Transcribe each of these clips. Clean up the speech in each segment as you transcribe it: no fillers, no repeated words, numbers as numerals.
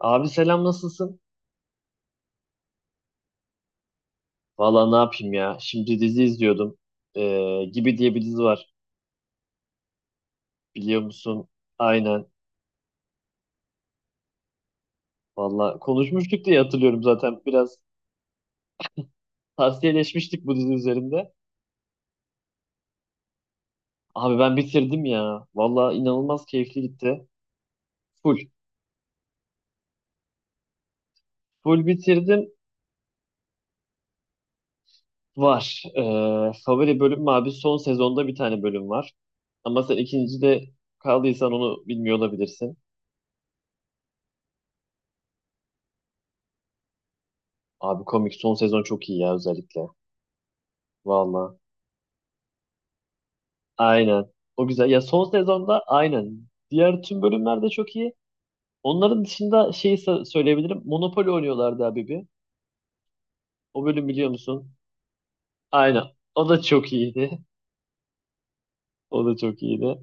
Abi selam nasılsın? Valla ne yapayım ya. Şimdi dizi izliyordum. Gibi diye bir dizi var. Biliyor musun? Aynen. Valla konuşmuştuk diye hatırlıyorum zaten. Biraz tavsiyeleşmiştik bu dizi üzerinde. Abi ben bitirdim ya. Valla inanılmaz keyifli gitti. Full. Full bitirdim. Var. Favori bölüm mü abi? Son sezonda bir tane bölüm var. Ama sen ikinci de kaldıysan onu bilmiyor olabilirsin. Abi komik son sezon çok iyi ya özellikle. Valla. Aynen. O güzel. Ya son sezonda aynen. Diğer tüm bölümler de çok iyi. Onların dışında şeyi söyleyebilirim. Monopoly oynuyorlardı abi bir. O bölüm biliyor musun? Aynen. O da çok iyiydi. O da çok iyiydi.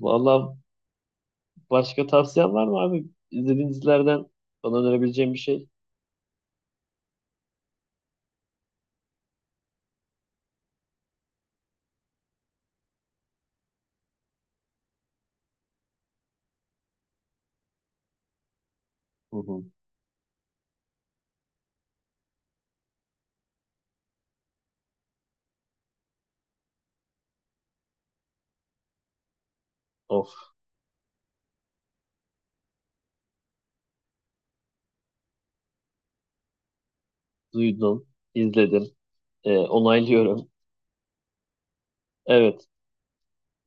Vallahi başka tavsiyen var mı abi? İzlediğin dizilerden bana önerebileceğin bir şey? Hı hı. Of. Duydum. İzledim. Onaylıyorum. Evet.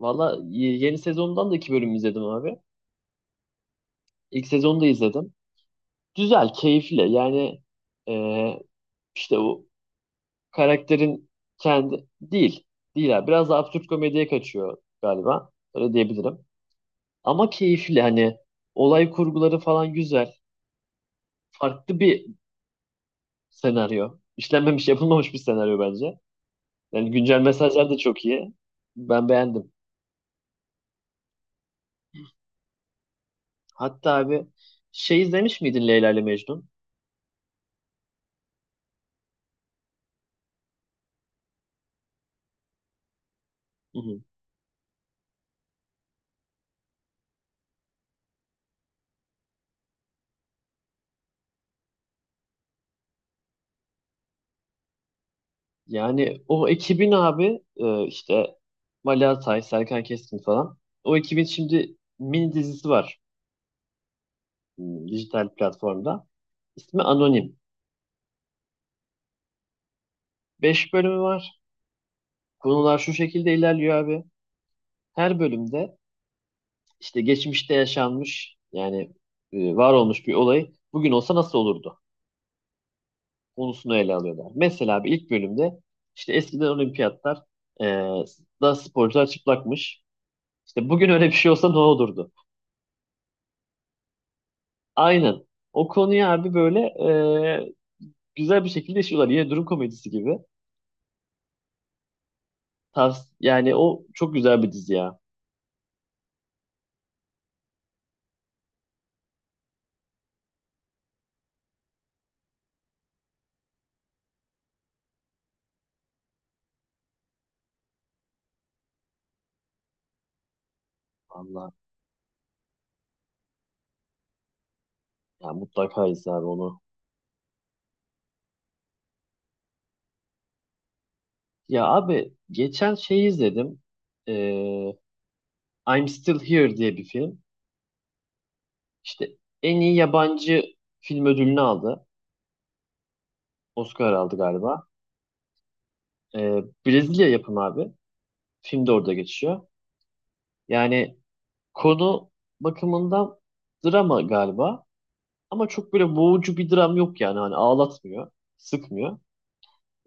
Valla yeni sezondan da iki bölüm izledim abi. İlk sezonu da izledim. Güzel, keyifli. Yani ee, işte o karakterin kendi değil. Değil abi. Biraz daha absürt komediye kaçıyor galiba. Öyle diyebilirim. Ama keyifli hani olay kurguları falan güzel. Farklı bir senaryo. İşlenmemiş, yapılmamış bir senaryo bence. Yani güncel mesajlar da çok iyi. Ben beğendim. Hatta abi şey izlemiş miydin Leyla ile Mecnun? Hı hı. Yani o ekibin abi işte Mali Atay, Serkan Keskin falan. O ekibin şimdi mini dizisi var. Dijital platformda. İsmi Anonim. 5 bölümü var. Konular şu şekilde ilerliyor abi. Her bölümde işte geçmişte yaşanmış yani var olmuş bir olay bugün olsa nasıl olurdu konusunu ele alıyorlar. Mesela abi ilk bölümde işte eskiden olimpiyatlar e, da sporcular çıplakmış. İşte bugün öyle bir şey olsa ne olurdu? Aynen. O konuya abi böyle e, güzel bir şekilde işliyorlar. Yine durum komedisi gibi. Yani o çok güzel bir dizi ya. Vallahi. Ya mutlaka izle abi onu. Ya abi geçen şey izledim. Ee, I'm Still Here diye bir film. İşte en iyi yabancı film ödülünü aldı. Oscar aldı galiba. Brezilya yapımı abi. Film de orada geçiyor. Yani konu bakımından drama galiba. Ama çok böyle boğucu bir dram yok yani. Hani ağlatmıyor, sıkmıyor.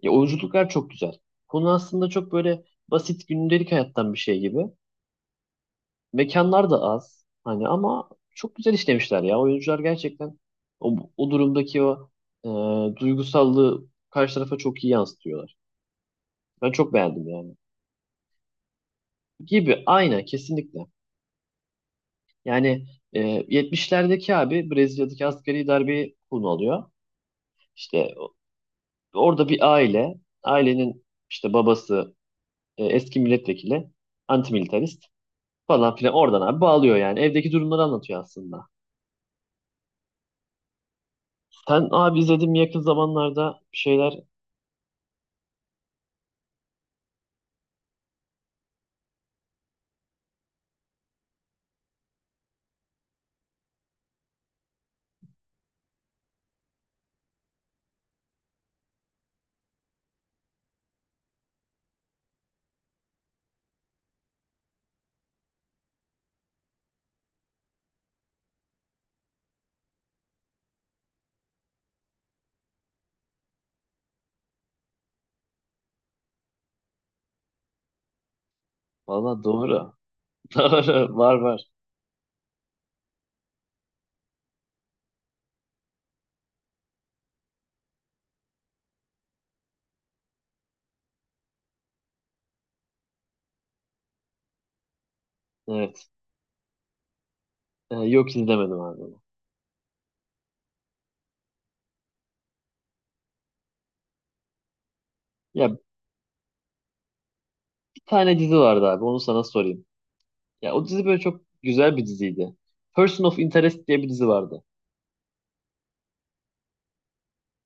Ya oyunculuklar çok güzel. Konu aslında çok böyle basit gündelik hayattan bir şey gibi. Mekanlar da az hani ama çok güzel işlemişler ya. Oyuncular gerçekten o durumdaki o e, duygusallığı karşı tarafa çok iyi yansıtıyorlar. Ben çok beğendim yani. Gibi aynen kesinlikle. Yani e, 70'lerdeki abi Brezilya'daki askeri darbeyi konu alıyor. İşte orada bir aile, ailenin işte babası eski milletvekili, antimilitarist falan filan oradan abi bağlıyor yani. Evdeki durumları anlatıyor aslında. Sen abi izledim yakın zamanlarda şeyler. Valla doğru. Doğru. Var var. Evet. Yok izlemedim abi onu. Ya bir tane dizi vardı abi. Onu sana sorayım. Ya o dizi böyle çok güzel bir diziydi. Person of Interest diye bir dizi vardı.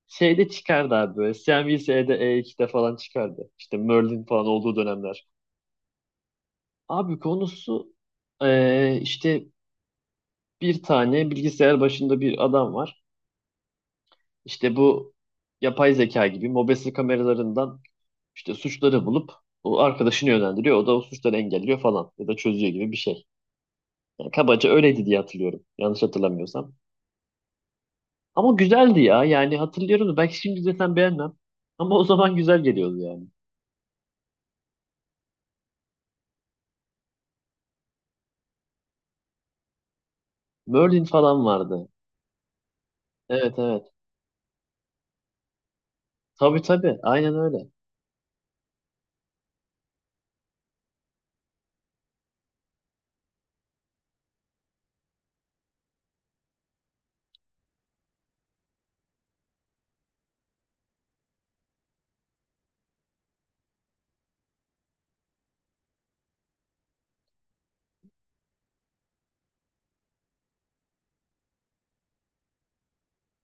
Şeyde çıkardı abi böyle. CNBC'de, E2'de falan çıkardı. İşte Merlin falan olduğu dönemler. Abi konusu işte bir tane bilgisayar başında bir adam var. İşte bu yapay zeka gibi mobese kameralarından İşte suçları bulup o arkadaşını yönlendiriyor. O da o suçları engelliyor falan ya da çözüyor gibi bir şey. Yani kabaca öyleydi diye hatırlıyorum. Yanlış hatırlamıyorsam. Ama güzeldi ya. Yani hatırlıyorum da belki şimdi zaten beğenmem. Ama o zaman güzel geliyordu yani. Merlin falan vardı. Evet evet. Tabii tabii. Aynen öyle.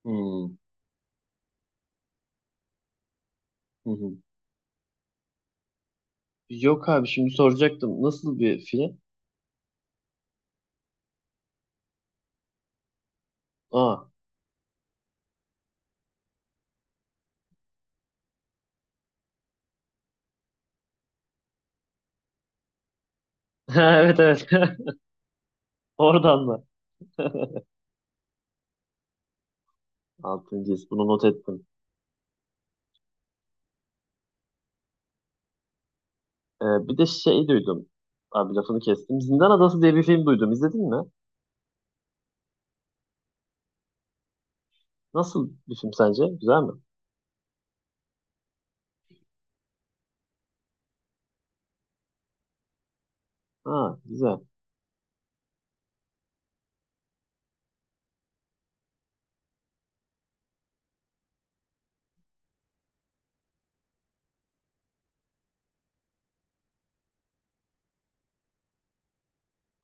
Hmm. Hı hı. Yok abi şimdi soracaktım. Nasıl bir film? Aa. Evet evet. Oradan da. Altıncı his. Bunu not ettim. Bir de şey duydum. Abi lafını kestim. Zindan Adası diye bir film duydum. İzledin mi? Nasıl bir film sence? Güzel mi? Ha, güzel.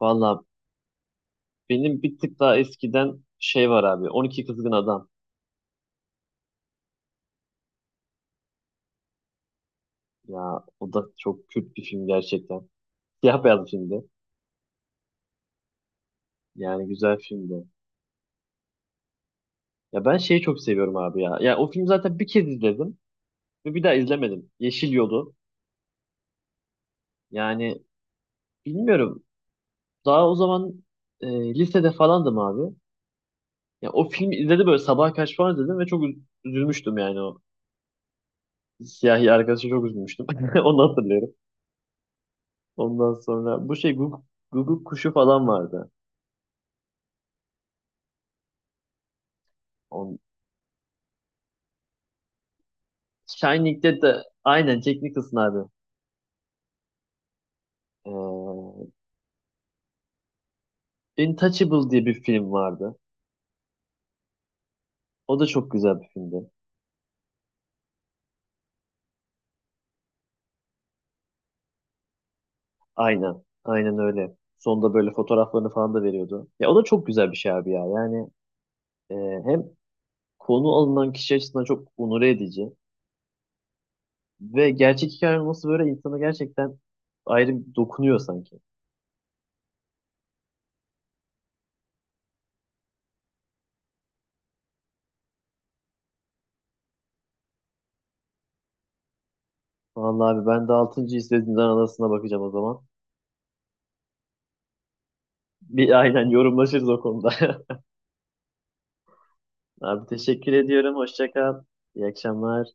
Valla benim bir tık daha eskiden şey var abi. 12 Kızgın Adam. Ya o da çok kült bir film gerçekten. Siyah beyaz bir filmdi. Yani güzel filmdi. Ya ben şeyi çok seviyorum abi ya. Ya o filmi zaten bir kez izledim ve bir daha izlemedim. Yeşil Yolu. Yani bilmiyorum. Daha o zaman lisede falandım abi. Ya o filmi izledim böyle sabaha kaç falan izledim ve çok üzülmüştüm yani o. Siyahi arkadaşı çok üzülmüştüm. Onu hatırlıyorum. Ondan sonra bu şey Guguk kuşu falan vardı. On, Shining'de de aynen Jack Nicholson abi. Intouchable diye bir film vardı. O da çok güzel bir filmdi. Aynen. Aynen öyle. Sonunda böyle fotoğraflarını falan da veriyordu. Ya o da çok güzel bir şey abi ya. Yani e, hem konu alınan kişi açısından çok onore edici ve gerçek hikaye olması böyle insanı gerçekten ayrı bir dokunuyor sanki. Vallahi abi ben de altıncı izlediğimden arasına bakacağım o zaman. Bir aynen yorumlaşırız o konuda. Abi teşekkür ediyorum. Hoşça kal. İyi akşamlar.